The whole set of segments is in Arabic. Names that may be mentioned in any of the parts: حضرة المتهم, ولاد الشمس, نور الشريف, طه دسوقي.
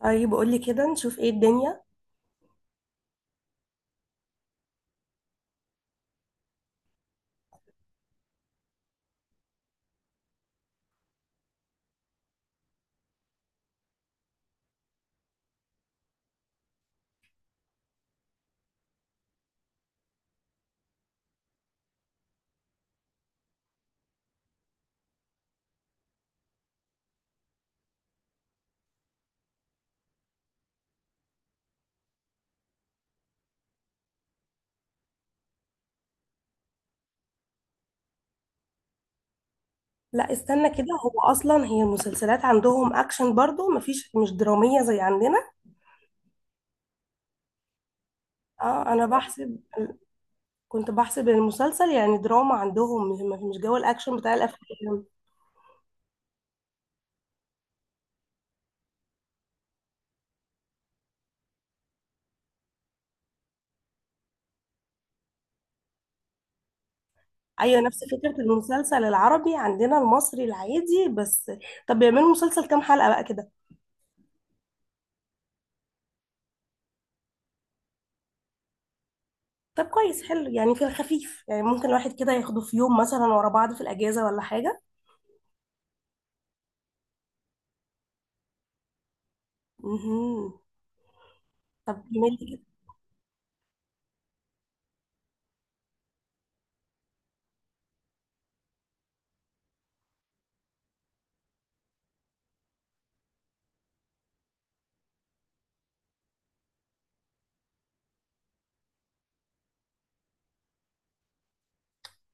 طيب، قولي كده نشوف ايه الدنيا. لا، استنى كده، هو اصلا هي المسلسلات عندهم اكشن برضو، مفيش مش درامية زي عندنا. اه، انا كنت بحسب المسلسل يعني دراما عندهم، مش جو الاكشن بتاع الافلام. ايوه، نفس فكرة المسلسل العربي عندنا، المصري العادي بس. طب بيعملوا مسلسل كام حلقة بقى كده؟ طب كويس، حلو يعني، في الخفيف، يعني ممكن الواحد كده ياخده في يوم مثلا ورا بعض في الأجازة ولا حاجة. مهم. طب جميل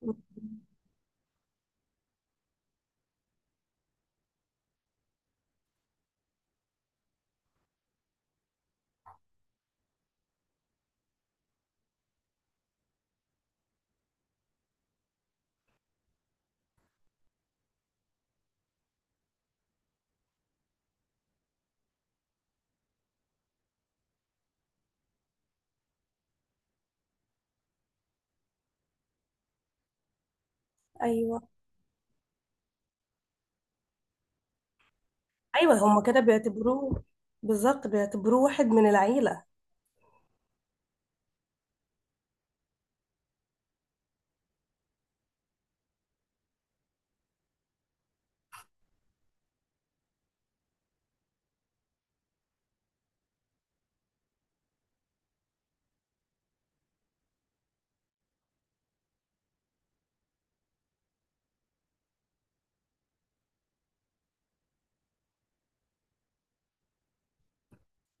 كده. أيوه، أيوه، هما كده بيعتبروه، بالظبط بيعتبروه واحد من العيلة.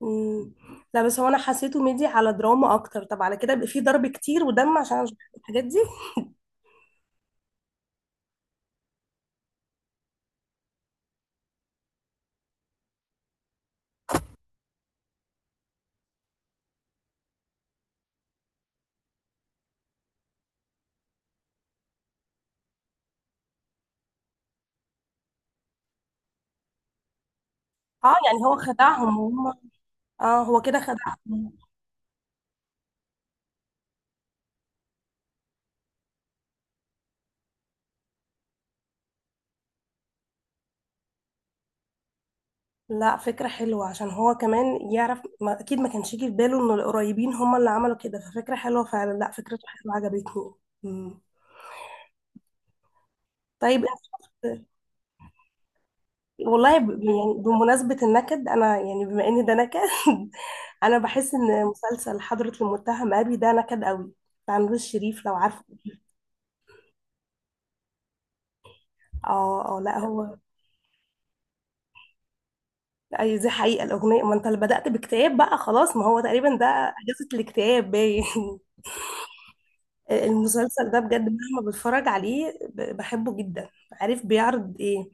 مم. لا بس هو أنا حسيته ميدي على دراما أكتر، طب على كده يبقى فيه ضرب كتير ودم، عشان أنا مش بحب الحاجات دي. اه، يعني هو خدعهم وهم. اه، هو كده خدعهم. لا، فكرة حلوة، عشان هو كمان يعرف، ما أكيد ما كانش يجي في باله إن القريبين هم اللي عملوا كده، ففكرة حلوة فعلا. لا، فكرته حلوة عجبتني. مم. طيب أنت شفت؟ والله يعني بمناسبة النكد، أنا يعني بما إن ده نكد أنا بحس إن مسلسل حضرة المتهم أبي ده نكد قوي، بتاع نور الشريف لو عارفه. اه، اه، لا هو أي دي حقيقة. الأغنية، ما أنت اللي بدأت باكتئاب بقى، خلاص، ما هو تقريبا ده أجازة الاكتئاب باين المسلسل ده بجد مهما بتفرج عليه بحبه جدا. عارف بيعرض ايه؟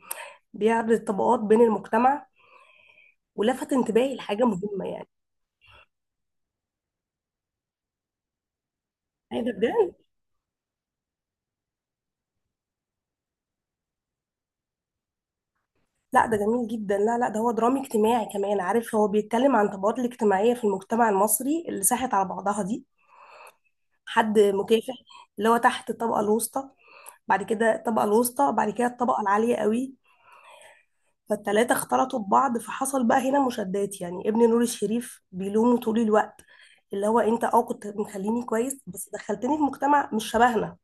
بيعرض الطبقات بين المجتمع، ولفت انتباهي لحاجة مهمة يعني. ايه ده بجد؟ لا ده جميل جدا. لا، لا، ده هو درامي اجتماعي كمان. عارف هو بيتكلم عن الطبقات الاجتماعية في المجتمع المصري اللي ساحت على بعضها دي. حد مكافح، اللي هو تحت الطبقة الوسطى، بعد كده الطبقة الوسطى، بعد كده الطبقة العالية قوي. فالتلاتة اختلطوا ببعض، فحصل بقى هنا مشادات يعني. ابن نور الشريف بيلومه طول الوقت، اللي هو انت اه كنت مخليني كويس بس دخلتني في مجتمع مش شبهنا.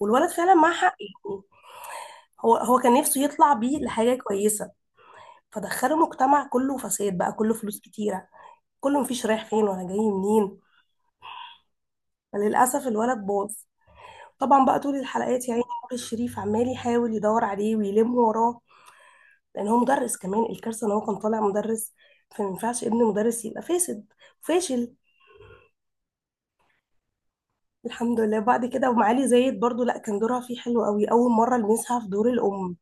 والولد فعلا معاه حق يعني. هو كان نفسه يطلع بيه لحاجة كويسة، فدخله مجتمع كله فساد بقى، كله فلوس كتيرة، كله مفيش رايح فين ولا جاي منين، فللأسف الولد باظ. طبعا بقى طول الحلقات يعني نور الشريف عمال يحاول يدور عليه ويلم وراه. لان هو مدرس كمان، الكارثه ان هو كان طالع مدرس، فما ينفعش ابن مدرس يبقى فاسد فاشل. الحمد لله. بعد كده ومعالي زايد برضو، لا كان دورها فيه حلو قوي، اول مره لمسها في دور الام.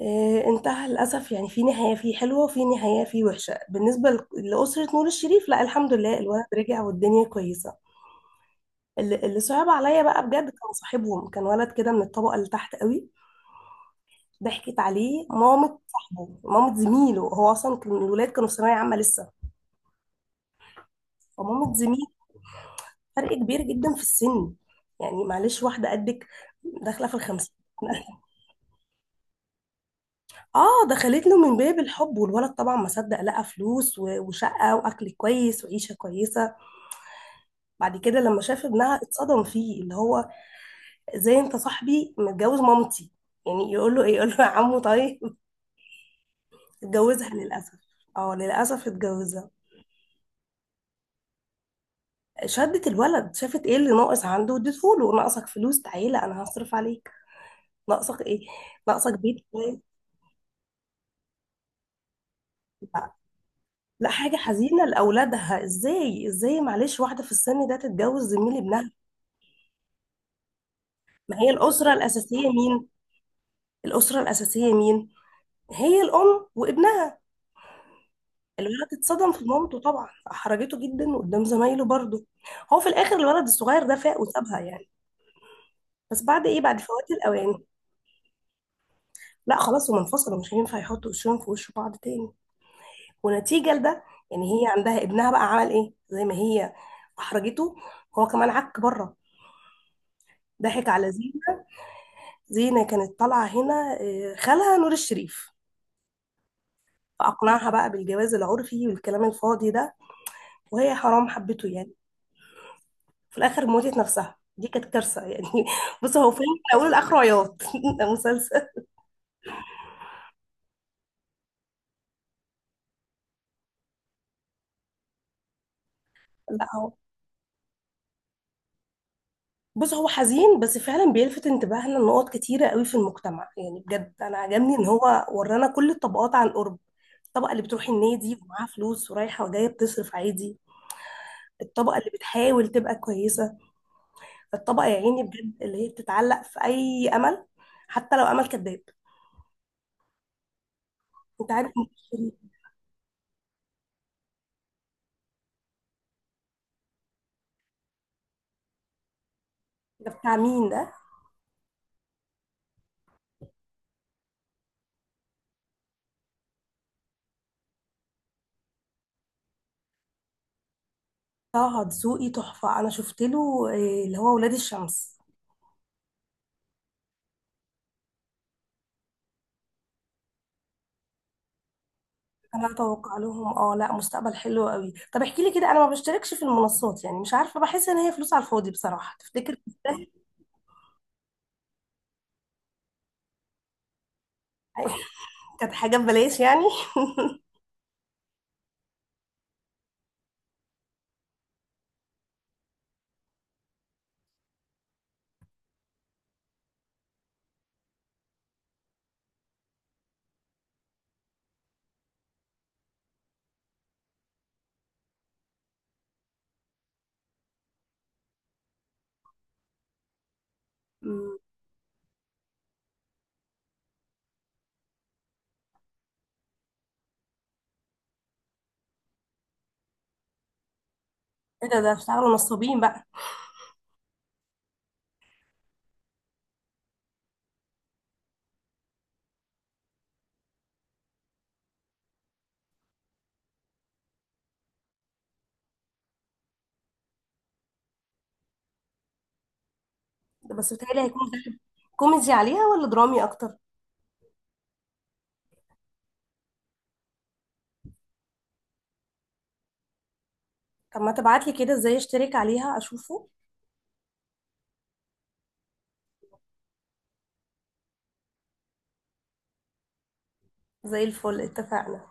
آه، انتهى للاسف يعني، في نهايه فيه حلوه وفي نهايه فيه وحشه بالنسبه لاسره نور الشريف. لا، الحمد لله الولد رجع والدنيا كويسه. اللي صعب عليا بقى بجد، كان صاحبهم كان ولد كده من الطبقه اللي تحت قوي. ضحكت عليه مامة زميله، هو اصلا كان الولاد كانوا في ثانويه عامه لسه. فمامة زميله، فرق كبير جدا في السن، يعني معلش واحدة قدك داخلة في الخمسين اه، دخلت له من باب الحب، والولد طبعا ما صدق لقى فلوس وشقة واكل كويس وعيشة كويسة. بعد كده لما شاف ابنها اتصدم فيه، اللي هو ازاي انت صاحبي متجوز مامتي، يعني يقول له ايه، يقول له يا عمو طيب اتجوزها للاسف. اه، للاسف اتجوزها. شدت الولد، شافت ايه اللي ناقص عنده واديته له، ناقصك فلوس، تعالى انا هصرف عليك، ناقصك ايه، ناقصك بيت كويس. لا، حاجة حزينة لأولادها، ازاي، ازاي معلش واحدة في السن ده تتجوز زميل ابنها. ما هي الأسرة الأساسية مين؟ الأسرة الأساسية مين؟ هي الأم وابنها. الولد اتصدم في مامته طبعا، أحرجته جدا قدام زمايله برضه. هو في الآخر الولد الصغير ده فاق وسابها يعني، بس بعد إيه؟ بعد فوات الأوان. لا خلاص هم انفصلوا، مش هينفع يحطوا وشهم في وش بعض تاني. ونتيجة لده، يعني هي عندها ابنها بقى عمل إيه زي ما هي أحرجته، هو كمان عك بره، ضحك على زينة. زينة كانت طالعة هنا خالها نور الشريف، فأقنعها بقى بالجواز العرفي والكلام الفاضي ده. وهي حرام حبته يعني. في الآخر موتت نفسها، دي كانت كارثة يعني بص هو فيلم من أوله لآخره عياط ده مسلسل. لا هو، بص هو حزين بس فعلا بيلفت انتباهنا لنقط كتيرة قوي في المجتمع، يعني بجد أنا عجبني إن هو ورانا كل الطبقات عن قرب. الطبقة اللي بتروح النادي ومعاها فلوس ورايحة وجاية بتصرف عادي، الطبقة اللي بتحاول تبقى كويسة، الطبقة يا عيني بجد اللي هي بتتعلق في أي أمل، حتى لو أمل كذاب. أنت عارف إن الشريط ده بتاع مين ده؟ طه دسوقي تحفة. أنا شفت له اللي هو ولاد الشمس. أنا أتوقع لهم لا، مستقبل حلو قوي. طب احكي لي كده، أنا ما بشتركش في المنصات، يعني مش عارفة، بحس إن هي فلوس على الفاضي بصراحة، تفتكر تستاهل؟ كانت حاجة ببلاش يعني. أمم، إيه ده اشتغلوا نصابين بقى. ده بس بتهيألي هيكون ده كوميدي عليها ولا درامي أكتر؟ طب ما تبعتلي كده إزاي أشترك عليها أشوفه. زي الفل، اتفقنا.